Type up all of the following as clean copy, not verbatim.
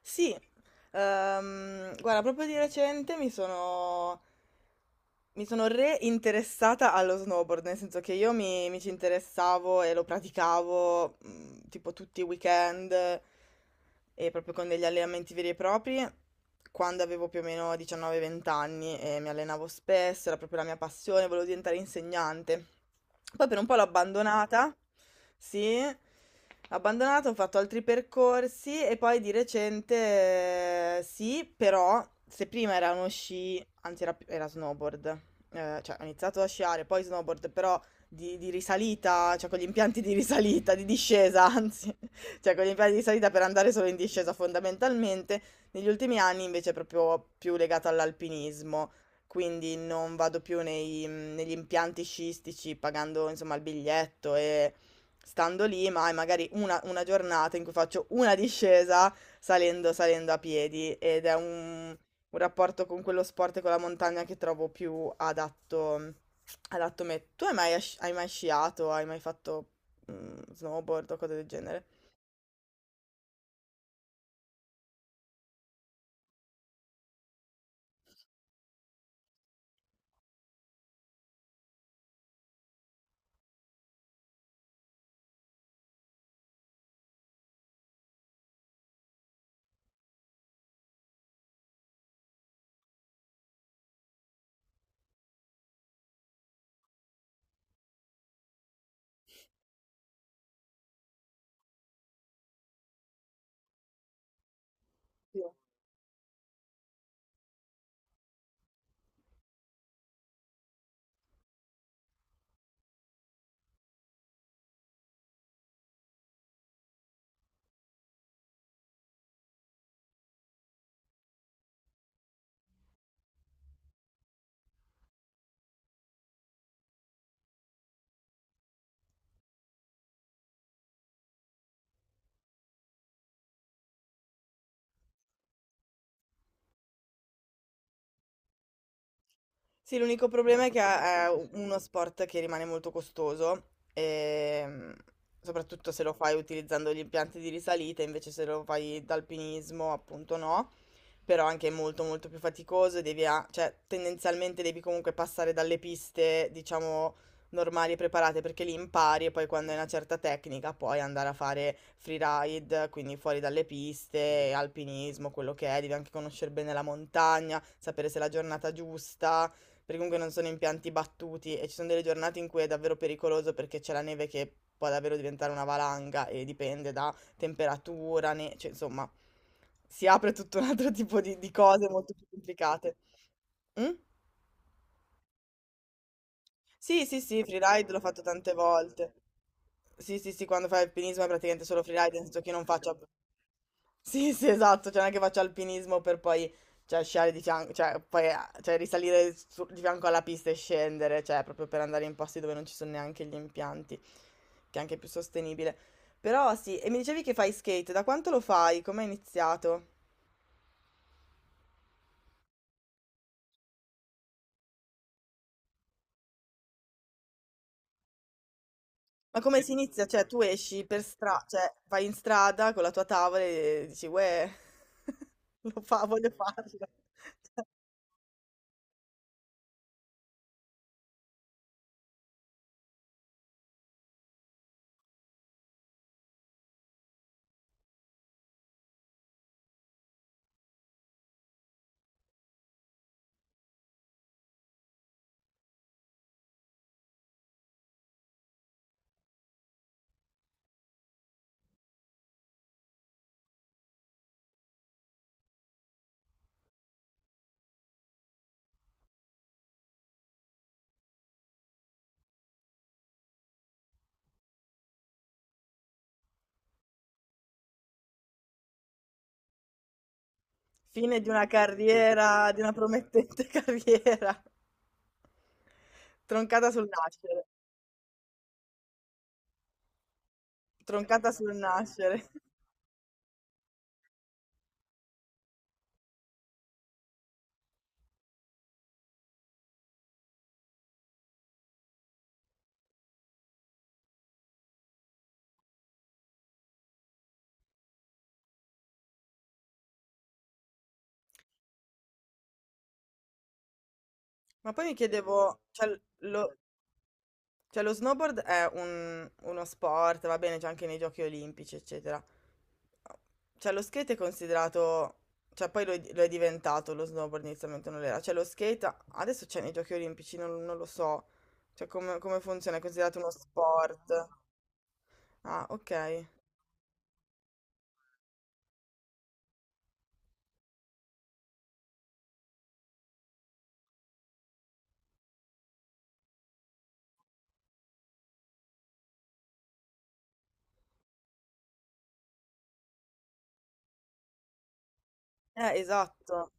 Sì, guarda, proprio di recente mi sono reinteressata allo snowboard, nel senso che io mi ci interessavo e lo praticavo tipo tutti i weekend e proprio con degli allenamenti veri e propri quando avevo più o meno 19-20 anni e mi allenavo spesso, era proprio la mia passione, volevo diventare insegnante. Poi per un po' l'ho abbandonata, sì, abbandonato, ho fatto altri percorsi e poi di recente, sì, però se prima era uno sci, anzi era, era snowboard, cioè ho iniziato a sciare, poi snowboard, però di risalita, cioè con gli impianti di risalita, di discesa, anzi, cioè con gli impianti di risalita per andare solo in discesa fondamentalmente, negli ultimi anni invece è proprio più legato all'alpinismo. Quindi non vado più negli impianti sciistici pagando insomma il biglietto e stando lì, ma è magari una giornata in cui faccio una discesa salendo a piedi ed è un rapporto con quello sport e con la montagna che trovo più adatto a me. Tu hai mai, hai mai sciato? Hai mai fatto snowboard o cose del genere? Sì. Sì, l'unico problema è che è uno sport che rimane molto costoso, soprattutto se lo fai utilizzando gli impianti di risalita, invece se lo fai d'alpinismo, appunto no. Però anche molto molto più faticoso e devi cioè tendenzialmente devi comunque passare dalle piste, diciamo, normali e preparate perché li impari e poi quando hai una certa tecnica puoi andare a fare freeride, quindi fuori dalle piste, alpinismo, quello che è, devi anche conoscere bene la montagna, sapere se è la giornata giusta, perché comunque non sono impianti battuti e ci sono delle giornate in cui è davvero pericoloso perché c'è la neve che può davvero diventare una valanga e dipende da temperatura, ne cioè insomma, si apre tutto un altro tipo di cose molto più complicate. Mh? Sì, sì, sì, freeride l'ho fatto tante volte. Sì, sì, sì, quando fai alpinismo è praticamente solo freeride, nel senso che io non faccio... Sì, sì, esatto, cioè non è che faccio alpinismo per poi, cioè, sciare di fianco, cioè, poi, cioè, di fianco alla pista e scendere, cioè, proprio per andare in posti dove non ci sono neanche gli impianti, che è anche più sostenibile. Però sì, e mi dicevi che fai skate, da quanto lo fai? Come hai iniziato? Ma come si inizia? Cioè, tu esci per strada, cioè, vai in strada con la tua tavola e dici, uè, lo fa, voglio farlo. Cioè, fine di una carriera, di una promettente carriera, troncata sul nascere, troncata sul nascere. Ma poi mi chiedevo, cioè, lo, cioè lo snowboard è uno sport, va bene, c'è anche nei giochi olimpici, eccetera. Cioè lo skate è considerato, cioè poi lo è diventato, lo snowboard inizialmente non lo era. Cioè lo skate adesso c'è nei giochi olimpici, non, non lo so. Cioè come, come funziona, è considerato uno sport. Ah, ok. Esatto.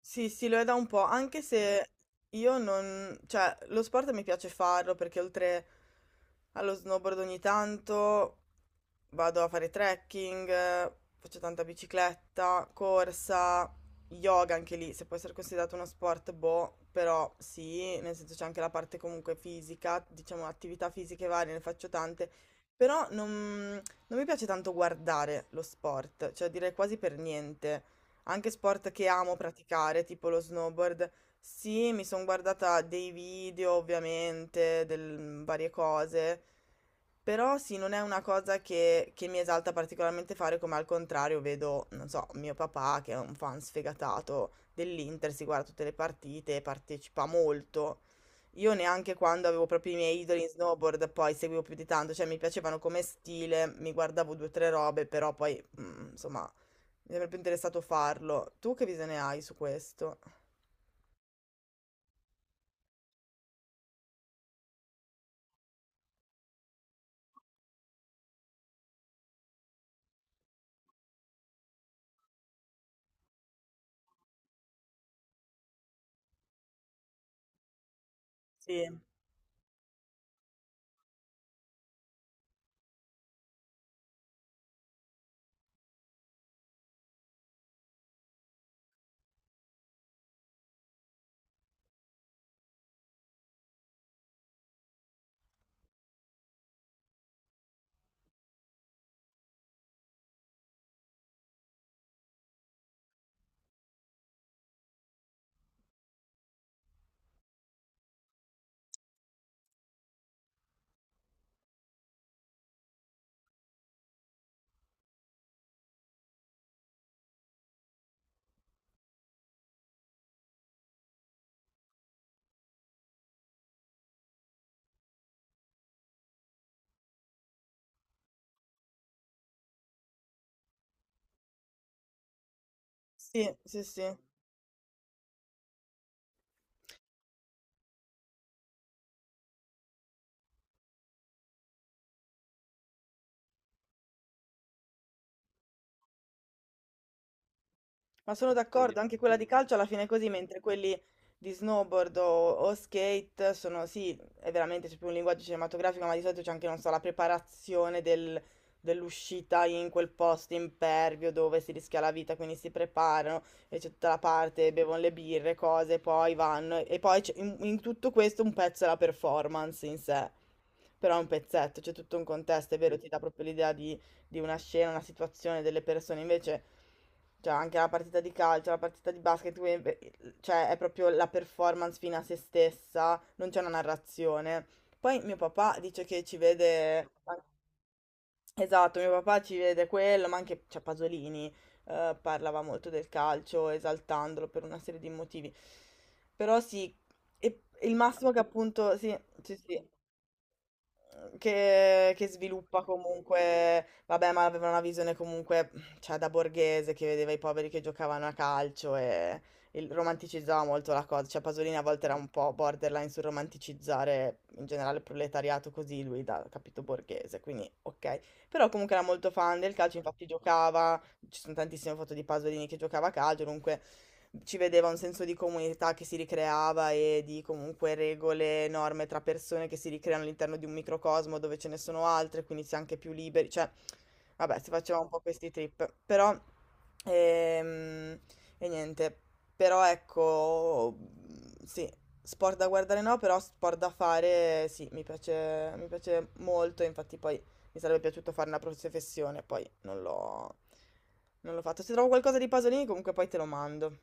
Sì, sì, lo è da un po', anche se io non... cioè, lo sport mi piace farlo perché oltre allo snowboard ogni tanto vado a fare trekking, faccio tanta bicicletta, corsa, yoga anche lì, se può essere considerato uno sport, boh, però sì, nel senso c'è anche la parte comunque fisica, diciamo attività fisiche varie, ne faccio tante, però non, non mi piace tanto guardare lo sport, cioè direi quasi per niente. Anche sport che amo praticare, tipo lo snowboard. Sì, mi sono guardata dei video, ovviamente, del, varie cose. Però sì, non è una cosa che mi esalta particolarmente fare, come al contrario vedo, non so, mio papà, che è un fan sfegatato dell'Inter, si guarda tutte le partite, partecipa molto. Io neanche quando avevo proprio i miei idoli in snowboard poi seguivo più di tanto, cioè mi piacevano come stile, mi guardavo due o tre robe, però poi, insomma, mi sarebbe interessato farlo. Tu che visione hai su questo? Sì, sì, sì, sì. Ma sono Quindi, d'accordo, anche quella di calcio alla fine è così, mentre quelli di snowboard o skate sono, sì, è veramente c'è più un linguaggio cinematografico, ma di solito c'è anche, non so, la preparazione dell'uscita in quel posto impervio dove si rischia la vita, quindi si preparano e c'è tutta la parte, bevono le birre, cose, poi vanno e poi in tutto questo un pezzo è la performance in sé, però è un pezzetto, c'è tutto un contesto, è vero, ti dà proprio l'idea di una scena, una situazione, delle persone. Invece, cioè, anche la partita di calcio, la partita di basket, quindi, beh, cioè, è proprio la performance fine a se stessa, non c'è una narrazione. Poi mio papà dice che ci vede, esatto, mio papà ci vede quello, ma anche, cioè, Pasolini, parlava molto del calcio, esaltandolo per una serie di motivi. Però sì, e il massimo che appunto, sì, sì, sì. Che sviluppa comunque, vabbè, ma aveva una visione comunque, cioè, da borghese che vedeva i poveri che giocavano a calcio e romanticizzava molto la cosa, cioè Pasolini a volte era un po' borderline sul romanticizzare in generale il proletariato così lui da capito borghese, quindi ok, però comunque era molto fan del calcio, infatti giocava, ci sono tantissime foto di Pasolini che giocava a calcio, comunque ci vedeva un senso di comunità che si ricreava e di comunque regole, norme tra persone che si ricreano all'interno di un microcosmo dove ce ne sono altre, quindi si è anche più liberi, cioè, vabbè, si faceva un po' questi trip, però, ehm, e niente, però ecco, sì, sport da guardare no, però sport da fare sì, mi piace molto, infatti poi mi sarebbe piaciuto fare una professione, poi non l'ho fatto. Se trovo qualcosa di Pasolini, comunque poi te lo mando.